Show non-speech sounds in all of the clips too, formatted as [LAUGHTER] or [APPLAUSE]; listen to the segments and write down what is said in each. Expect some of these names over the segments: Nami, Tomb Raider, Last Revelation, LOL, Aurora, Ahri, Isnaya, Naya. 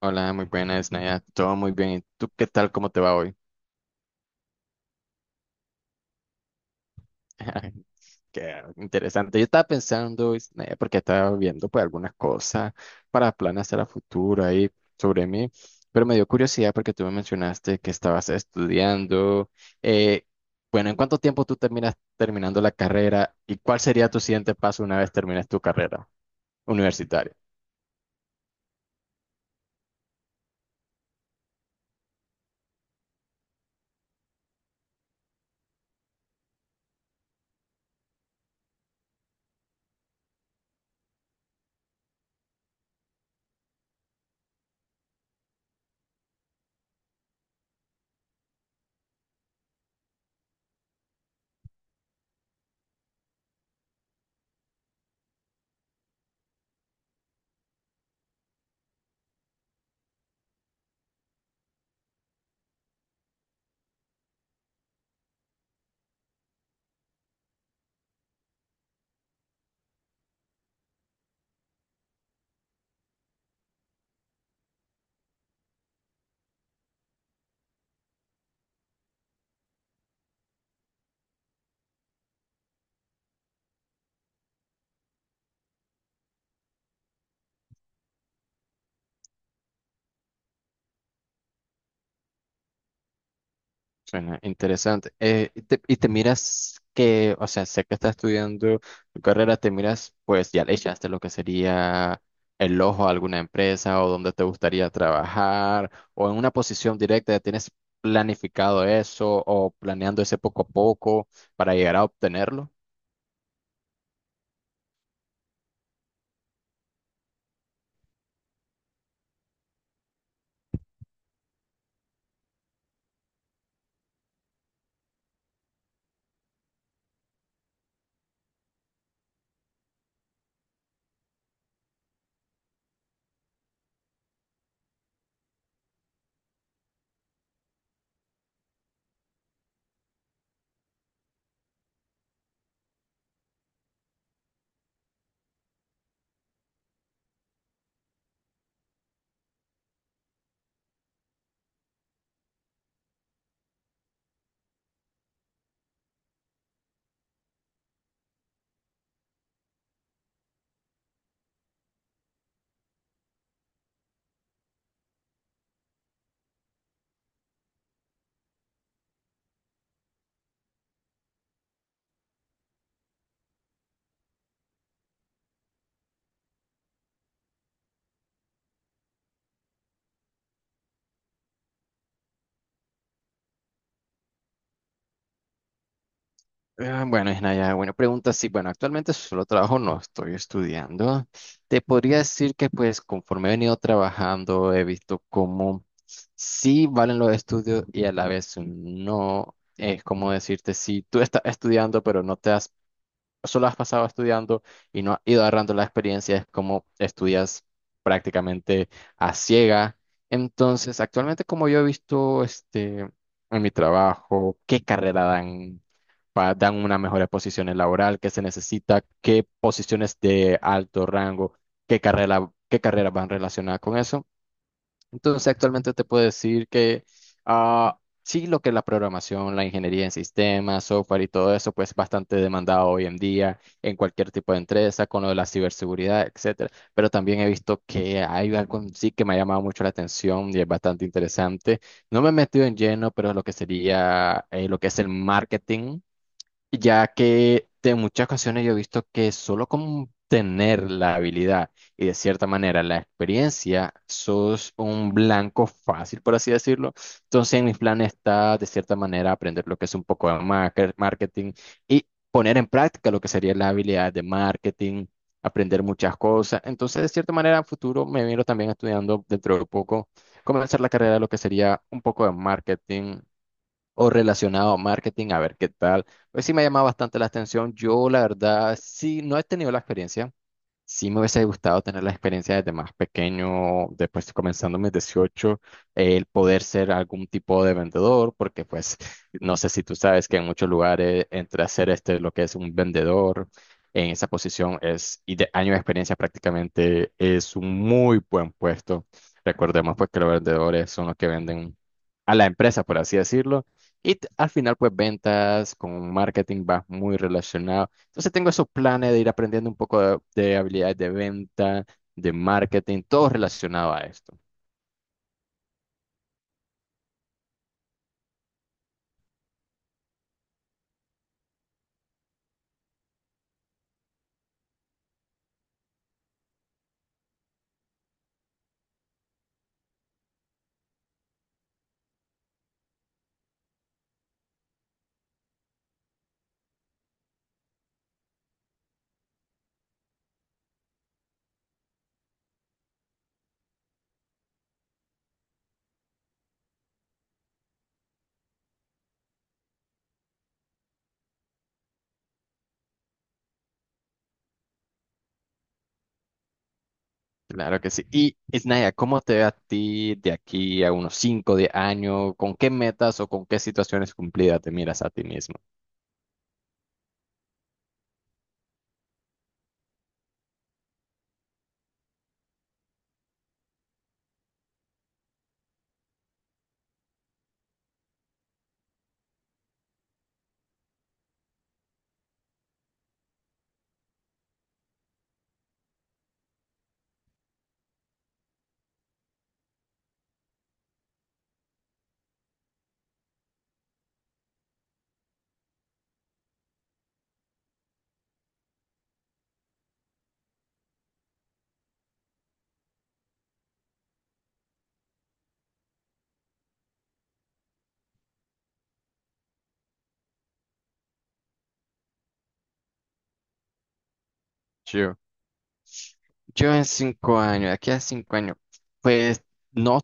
Hola, muy buenas, Naya. Todo muy bien. ¿Y tú qué tal? ¿Cómo te va hoy? [LAUGHS] Qué interesante. Yo estaba pensando, Naya, porque estaba viendo pues algunas cosas para planes a la futura y sobre mí, pero me dio curiosidad porque tú me mencionaste que estabas estudiando. Eh, bueno, ¿en cuánto tiempo tú terminas terminando la carrera y cuál sería tu siguiente paso una vez termines tu carrera universitaria? Suena interesante. Y te miras que, o sea, sé que estás estudiando tu carrera, te miras, pues ya le echaste lo que sería el ojo a alguna empresa o donde te gustaría trabajar o en una posición directa, ¿tienes planificado eso o planeando ese poco a poco para llegar a obtenerlo? Bueno, Isnaya, buena pregunta. Sí, bueno, actualmente solo trabajo, no estoy estudiando. Te podría decir que pues conforme he venido trabajando, he visto cómo sí valen los estudios y a la vez no. Es como decirte, si tú estás estudiando pero no te has solo has pasado estudiando y no has ido agarrando la experiencia, es como estudias prácticamente a ciega. Entonces, actualmente como yo he visto este, en mi trabajo, qué carrera dan, dan una mejor posición laboral, qué se necesita, qué posiciones de alto rango, qué carreras van relacionadas con eso. Entonces, actualmente te puedo decir que sí, lo que es la programación, la ingeniería en sistemas, software y todo eso, pues bastante demandado hoy en día en cualquier tipo de empresa, con lo de la ciberseguridad, etcétera. Pero también he visto que hay algo en sí que me ha llamado mucho la atención y es bastante interesante. No me he metido en lleno, pero lo que sería lo que es el marketing, ya que de muchas ocasiones yo he visto que solo con tener la habilidad y de cierta manera la experiencia, sos un blanco fácil, por así decirlo. Entonces, en mis planes está de cierta manera aprender lo que es un poco de marketing y poner en práctica lo que sería la habilidad de marketing, aprender muchas cosas. Entonces, de cierta manera, en futuro me miro también estudiando dentro de poco, comenzar la carrera de lo que sería un poco de marketing o relacionado a marketing, a ver qué tal. Pues sí me ha llamado bastante la atención. Yo, la verdad, sí, no he tenido la experiencia. Sí me hubiese gustado tener la experiencia desde más pequeño, después comenzando mis 18, el poder ser algún tipo de vendedor, porque pues no sé si tú sabes que en muchos lugares entre hacer este lo que es un vendedor en esa posición es, y de año de experiencia prácticamente es un muy buen puesto. Recordemos pues que los vendedores son los que venden a la empresa, por así decirlo, y al final pues ventas con marketing va muy relacionado. Entonces tengo esos planes de ir aprendiendo un poco de habilidades de venta, de marketing, todo relacionado a esto. Claro que sí. Y, Isnaya, ¿cómo te ve a ti de aquí a unos 5 10 años? ¿Con qué metas o con qué situaciones cumplidas te miras a ti mismo? Yo en 5 años, aquí a 5 años, pues no,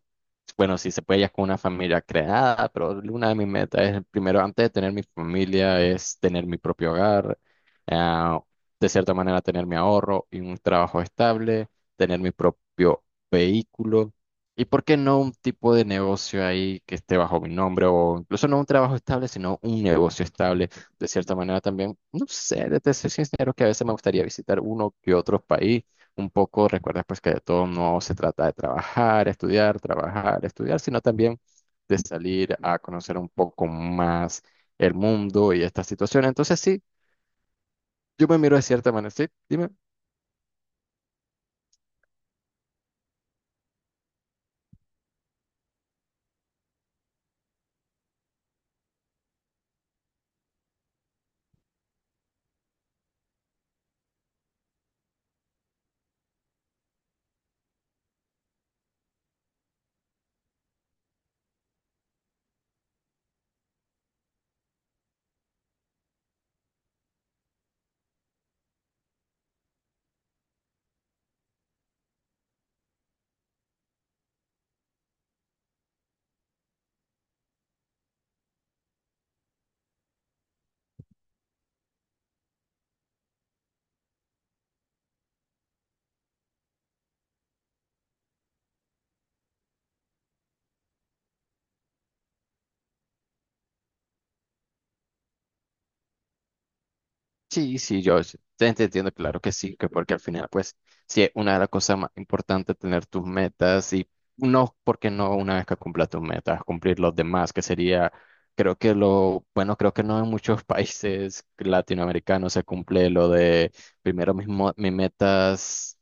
bueno, si se puede ya con una familia creada, pero una de mis metas es, primero, antes de tener mi familia, es tener mi propio hogar, ah, de cierta manera tener mi ahorro y un trabajo estable, tener mi propio vehículo, y por qué no un tipo de negocio ahí que esté bajo mi nombre, o incluso no un trabajo estable, sino un negocio estable. De cierta manera también, no sé, de ser sincero, que a veces me gustaría visitar uno que otro país, un poco recuerda pues que de todo no se trata de trabajar, estudiar, sino también de salir a conocer un poco más el mundo y esta situación. Entonces sí, yo me miro de cierta manera, sí, dime. Sí, sí, yo te entiendo, claro que sí, que porque al final, pues, sí, es una de las cosas más importantes tener tus metas y no, porque no una vez que cumplas tus metas, cumplir los demás, que sería, creo que lo, bueno, creo que no en muchos [LAUGHS] países latinoamericanos se cumple lo de primero mis metas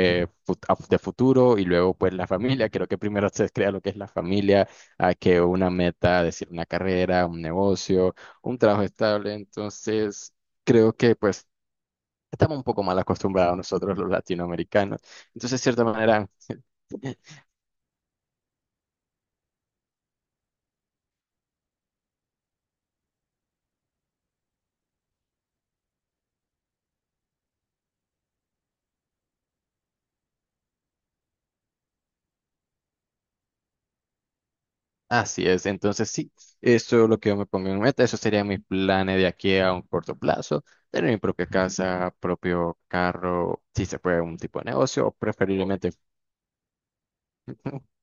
de futuro y luego, pues, la familia. Creo que primero se crea lo que es la familia, a que una meta, decir, una carrera, un negocio, un trabajo estable, entonces... Creo que pues estamos un poco mal acostumbrados nosotros los latinoamericanos. Entonces, de cierta manera, [LAUGHS] así es. Entonces, sí, eso es lo que yo me pongo en meta. Eso serían mis planes de aquí a un corto plazo. Tener mi propia casa, propio carro, si se puede, un tipo de negocio, o preferiblemente. [LAUGHS]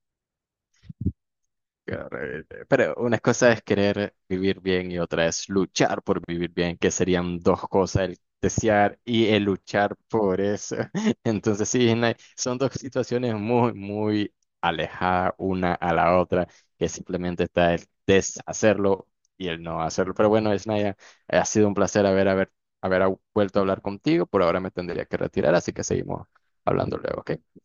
Pero una cosa es querer vivir bien y otra es luchar por vivir bien, que serían dos cosas, el desear y el luchar por eso. [LAUGHS] Entonces sí, no hay- son dos situaciones muy, muy alejadas una a la otra, que simplemente está el deshacerlo y el no hacerlo. Pero bueno, Isnaya, ha sido un placer haber vuelto a hablar contigo. Por ahora me tendría que retirar, así que seguimos hablando luego, ¿ok?